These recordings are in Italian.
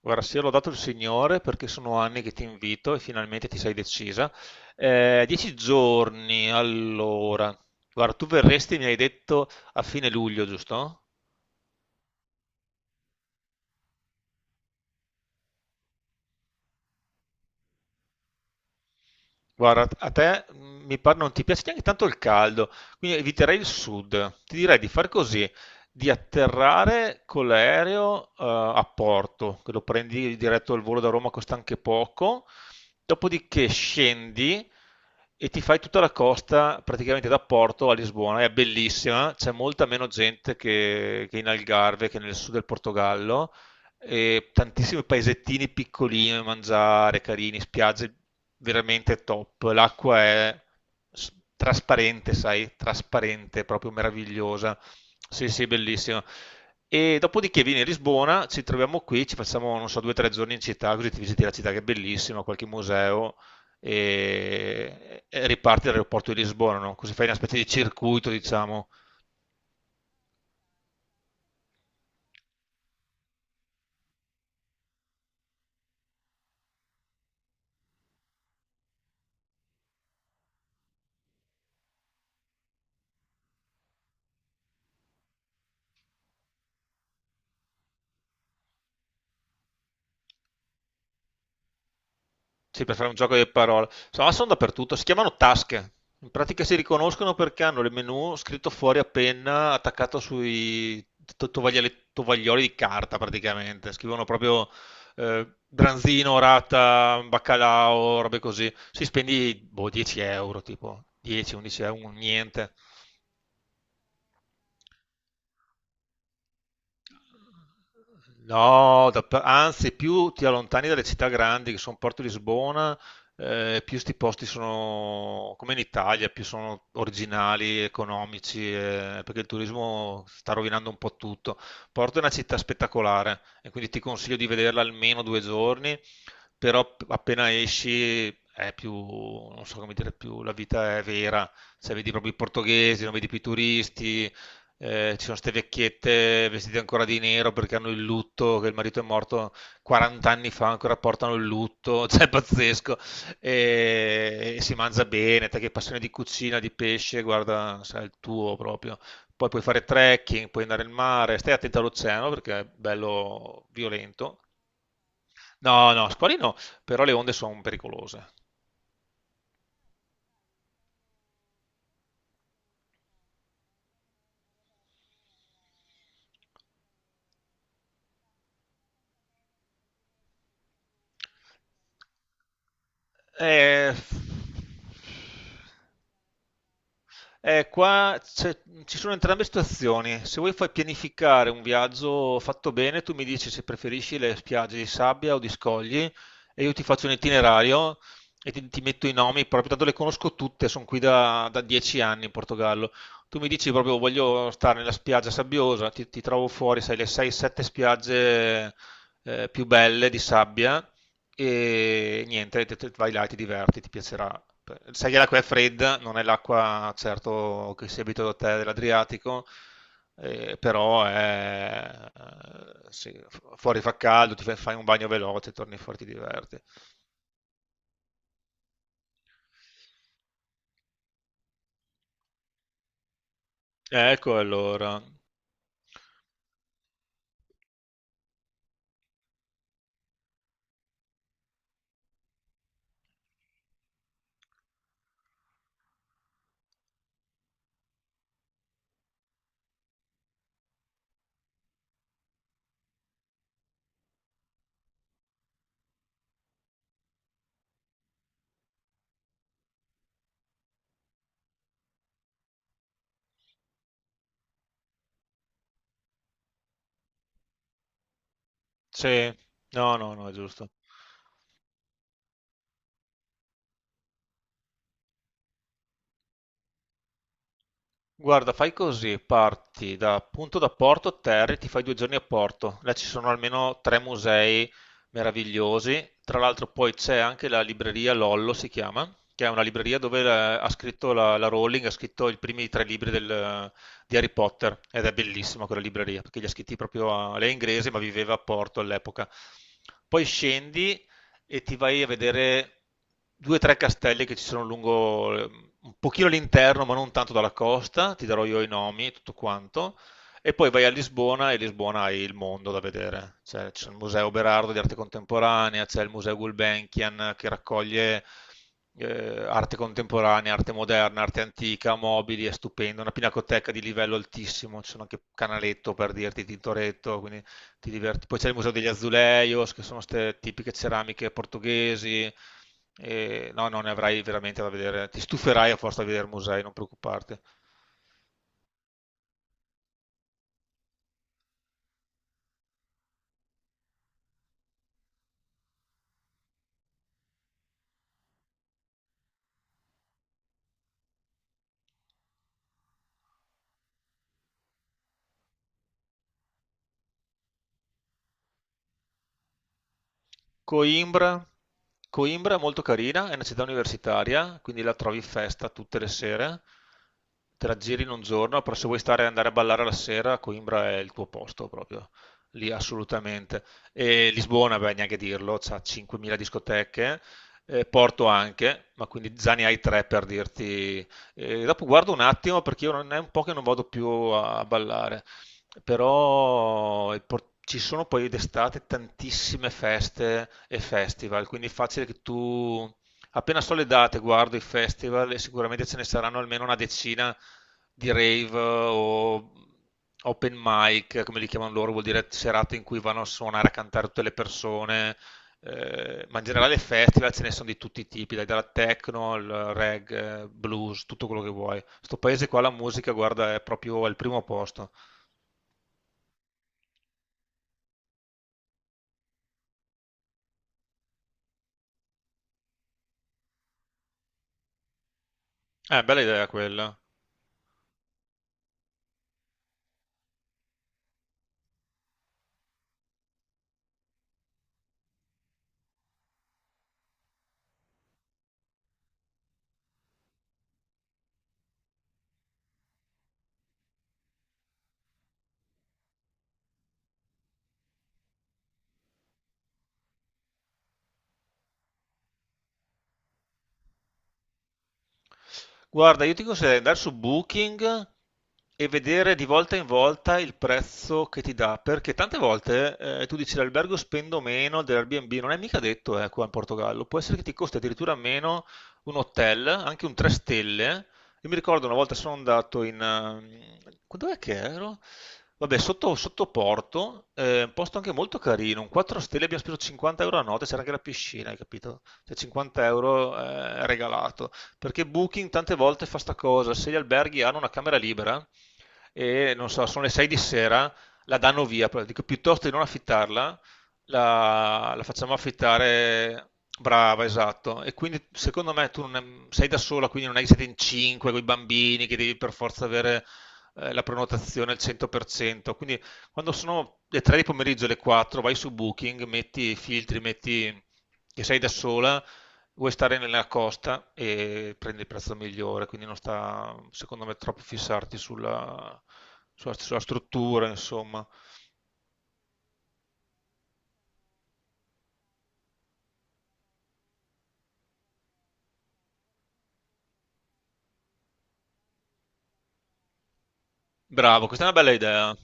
Guarda, sì, l'ho dato il Signore perché sono anni che ti invito e finalmente ti sei decisa. Dieci giorni, allora. Guarda, tu verresti, mi hai detto, a fine luglio, giusto? Guarda, a te mi pare non ti piace neanche tanto il caldo, quindi eviterei il sud. Ti direi di fare così, di atterrare con l'aereo a Porto, che lo prendi diretto al volo da Roma, costa anche poco, dopodiché scendi e ti fai tutta la costa praticamente da Porto a Lisbona, è bellissima, c'è molta meno gente che in Algarve, che nel sud del Portogallo, e tantissimi paesettini piccolini da mangiare, carini, spiagge veramente top. L'acqua è trasparente, sai, trasparente, proprio meravigliosa. Sì, sì, bellissimo. E dopodiché vieni a Lisbona, ci troviamo qui, ci facciamo, non so, 2 o 3 giorni in città, così ti visiti la città che è bellissima, qualche museo e riparti dall'aeroporto di Lisbona, no? Così fai una specie di circuito, diciamo. Sì, per fare un gioco di parole. Insomma, sono dappertutto. Si chiamano tasche. In pratica si riconoscono perché hanno il menu scritto fuori a penna, attaccato sui tovaglioli di carta praticamente. Scrivono proprio branzino, rata, baccalao, robe così. Si spendi boh, 10 euro, tipo 10-11 euro, un niente. No, anzi, più ti allontani dalle città grandi, che sono Porto Lisbona, più sti posti sono, come in Italia, più sono originali, economici, perché il turismo sta rovinando un po' tutto. Porto è una città spettacolare e quindi ti consiglio di vederla almeno 2 giorni, però appena esci è più, non so come dire, più la vita è vera, cioè vedi proprio i portoghesi, non vedi più i turisti, ci sono ste vecchiette vestite ancora di nero perché hanno il lutto, che il marito è morto 40 anni fa, ancora portano il lutto, cioè è pazzesco. E si mangia bene, te che hai passione di cucina, di pesce, guarda, sai, il tuo proprio. Poi puoi fare trekking, puoi andare al mare, stai attento all'oceano perché è bello violento. No, no, squali no, però le onde sono pericolose. Eh, qua ci sono entrambe situazioni. Se vuoi fai pianificare un viaggio fatto bene, tu mi dici se preferisci le spiagge di sabbia o di scogli e io ti faccio un itinerario e ti metto i nomi, proprio tanto le conosco tutte, sono qui da 10 anni in Portogallo. Tu mi dici proprio voglio stare nella spiaggia sabbiosa, ti trovo fuori, sai, le 6-7 spiagge più belle di sabbia e niente, vai là e ti diverti, ti piacerà. Sai che l'acqua è fredda, non è l'acqua certo che si è abituato a te dell'Adriatico, però è, sì, fuori fa caldo, ti fai un bagno veloce, torni fuori, ti diverti. Ecco allora. Sì, no, no, no, è giusto. Guarda, fai così, parti da, appunto da Porto Terri, ti fai 2 giorni a Porto. Là ci sono almeno tre musei meravigliosi. Tra l'altro poi c'è anche la libreria Lollo, si chiama, che è una libreria dove ha scritto la Rowling, ha scritto i primi tre libri di Harry Potter. Ed è bellissima quella libreria, perché li ha scritti proprio a... Lei è inglese, ma viveva a Porto all'epoca. Poi scendi e ti vai a vedere 2 o 3 castelli che ci sono lungo un pochino all'interno, ma non tanto dalla costa, ti darò io i nomi, e tutto quanto. E poi vai a Lisbona e Lisbona hai il mondo da vedere. Cioè, c'è il Museo Berardo di arte contemporanea, c'è il Museo Gulbenkian che raccoglie arte contemporanea, arte moderna, arte antica, mobili, è stupendo, una pinacoteca di livello altissimo, ci sono anche Canaletto per dirti, Tintoretto, quindi ti diverti. Poi c'è il Museo degli Azuleios, che sono queste tipiche ceramiche portoghesi. E no, non ne avrai veramente da vedere. Ti stuferai a forza di vedere musei, non preoccuparti. Coimbra. Coimbra è molto carina, è una città universitaria, quindi la trovi festa tutte le sere, te la giri in un giorno, però se vuoi stare e andare a ballare la sera, Coimbra è il tuo posto proprio, lì assolutamente. E Lisbona, beh, neanche dirlo, c'ha 5.000 discoteche, Porto anche, ma quindi già ne hai tre per dirti. Dopo guardo un attimo perché io non è un po' che non vado più a ballare, però ci sono poi d'estate tantissime feste e festival, quindi è facile che tu, appena so le date, guardo i festival e sicuramente ce ne saranno almeno una decina di rave o open mic, come li chiamano loro, vuol dire serate in cui vanno a suonare, a cantare tutte le persone. Ma in generale festival ce ne sono di tutti i tipi, dai, dalla techno al reggae, blues, tutto quello che vuoi. Sto paese qua la musica, guarda, è proprio al primo posto. Bella idea quella. Guarda, io ti consiglierei di andare su Booking e vedere di volta in volta il prezzo che ti dà, perché tante volte tu dici l'albergo spendo meno dell'Airbnb, non è mica detto qua in Portogallo, può essere che ti costi addirittura meno un hotel, anche un 3 stelle. Io mi ricordo una volta sono andato in... quando è che ero? Vabbè, sotto Porto, un posto anche molto carino, un 4 stelle, abbiamo speso 50 euro a notte, c'era anche la piscina, hai capito? Cioè 50 euro regalato, perché Booking tante volte fa sta cosa, se gli alberghi hanno una camera libera e non so, sono le 6 di sera, la danno via, dico, piuttosto di non affittarla, la facciamo affittare, brava, esatto. E quindi secondo me tu non è- sei da sola, quindi non è che siete in 5 con i bambini che devi per forza avere la prenotazione al 100%. Quindi quando sono le 3 di pomeriggio, le 4, vai su Booking, metti i filtri, metti che sei da sola, vuoi stare nella costa e prendi il prezzo migliore, quindi non sta, secondo me, troppo fissarti sulla struttura, insomma. Bravo, questa è una bella idea.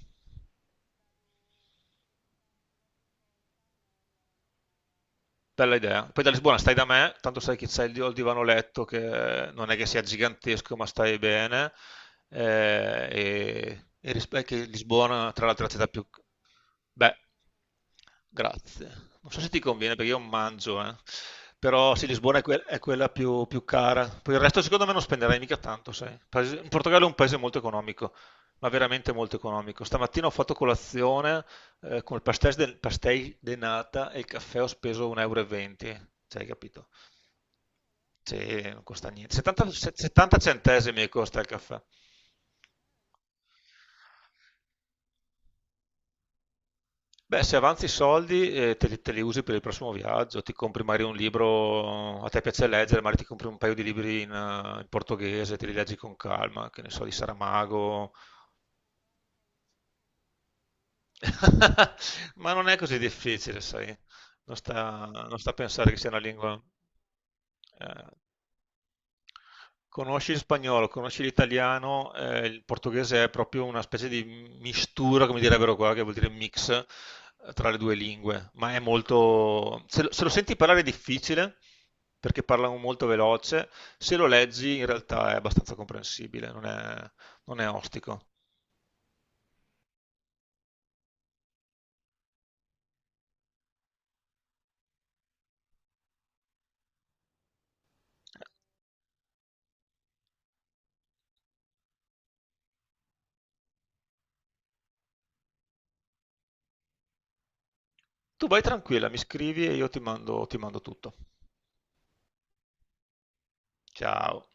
Bella idea. Poi da Lisbona stai da me, tanto sai che c'è il divano letto che non è che sia gigantesco, ma stai bene. E rispecchia Lisbona, tra l'altro, è la città più. Beh, grazie. Non so se ti conviene perché io non mangio, eh. Però sì, Lisbona è quella più cara. Poi il resto secondo me non spenderai mica tanto, sai. In Portogallo è un paese molto economico, ma veramente molto economico. Stamattina ho fatto colazione con pastéis de nata e il caffè ho speso 1,20 euro. E venti. Cioè, hai capito? Cioè, non costa niente. 70, 70 centesimi costa il caffè. Beh, se avanzi i soldi, te li usi per il prossimo viaggio, ti compri magari un libro, a te piace leggere, magari ti compri un paio di libri in portoghese, te li leggi con calma, che ne so, di Saramago, ma non è così difficile, sai, non sta a pensare che sia una lingua... eh, Conosci il spagnolo, conosci l'italiano, il portoghese è proprio una specie di mistura, come direbbero qua, che vuol dire mix tra le due lingue, ma è molto... se lo senti parlare è difficile, perché parlano molto veloce, se lo leggi in realtà è abbastanza comprensibile, non è ostico. Tu vai tranquilla, mi scrivi e io ti mando tutto. Ciao.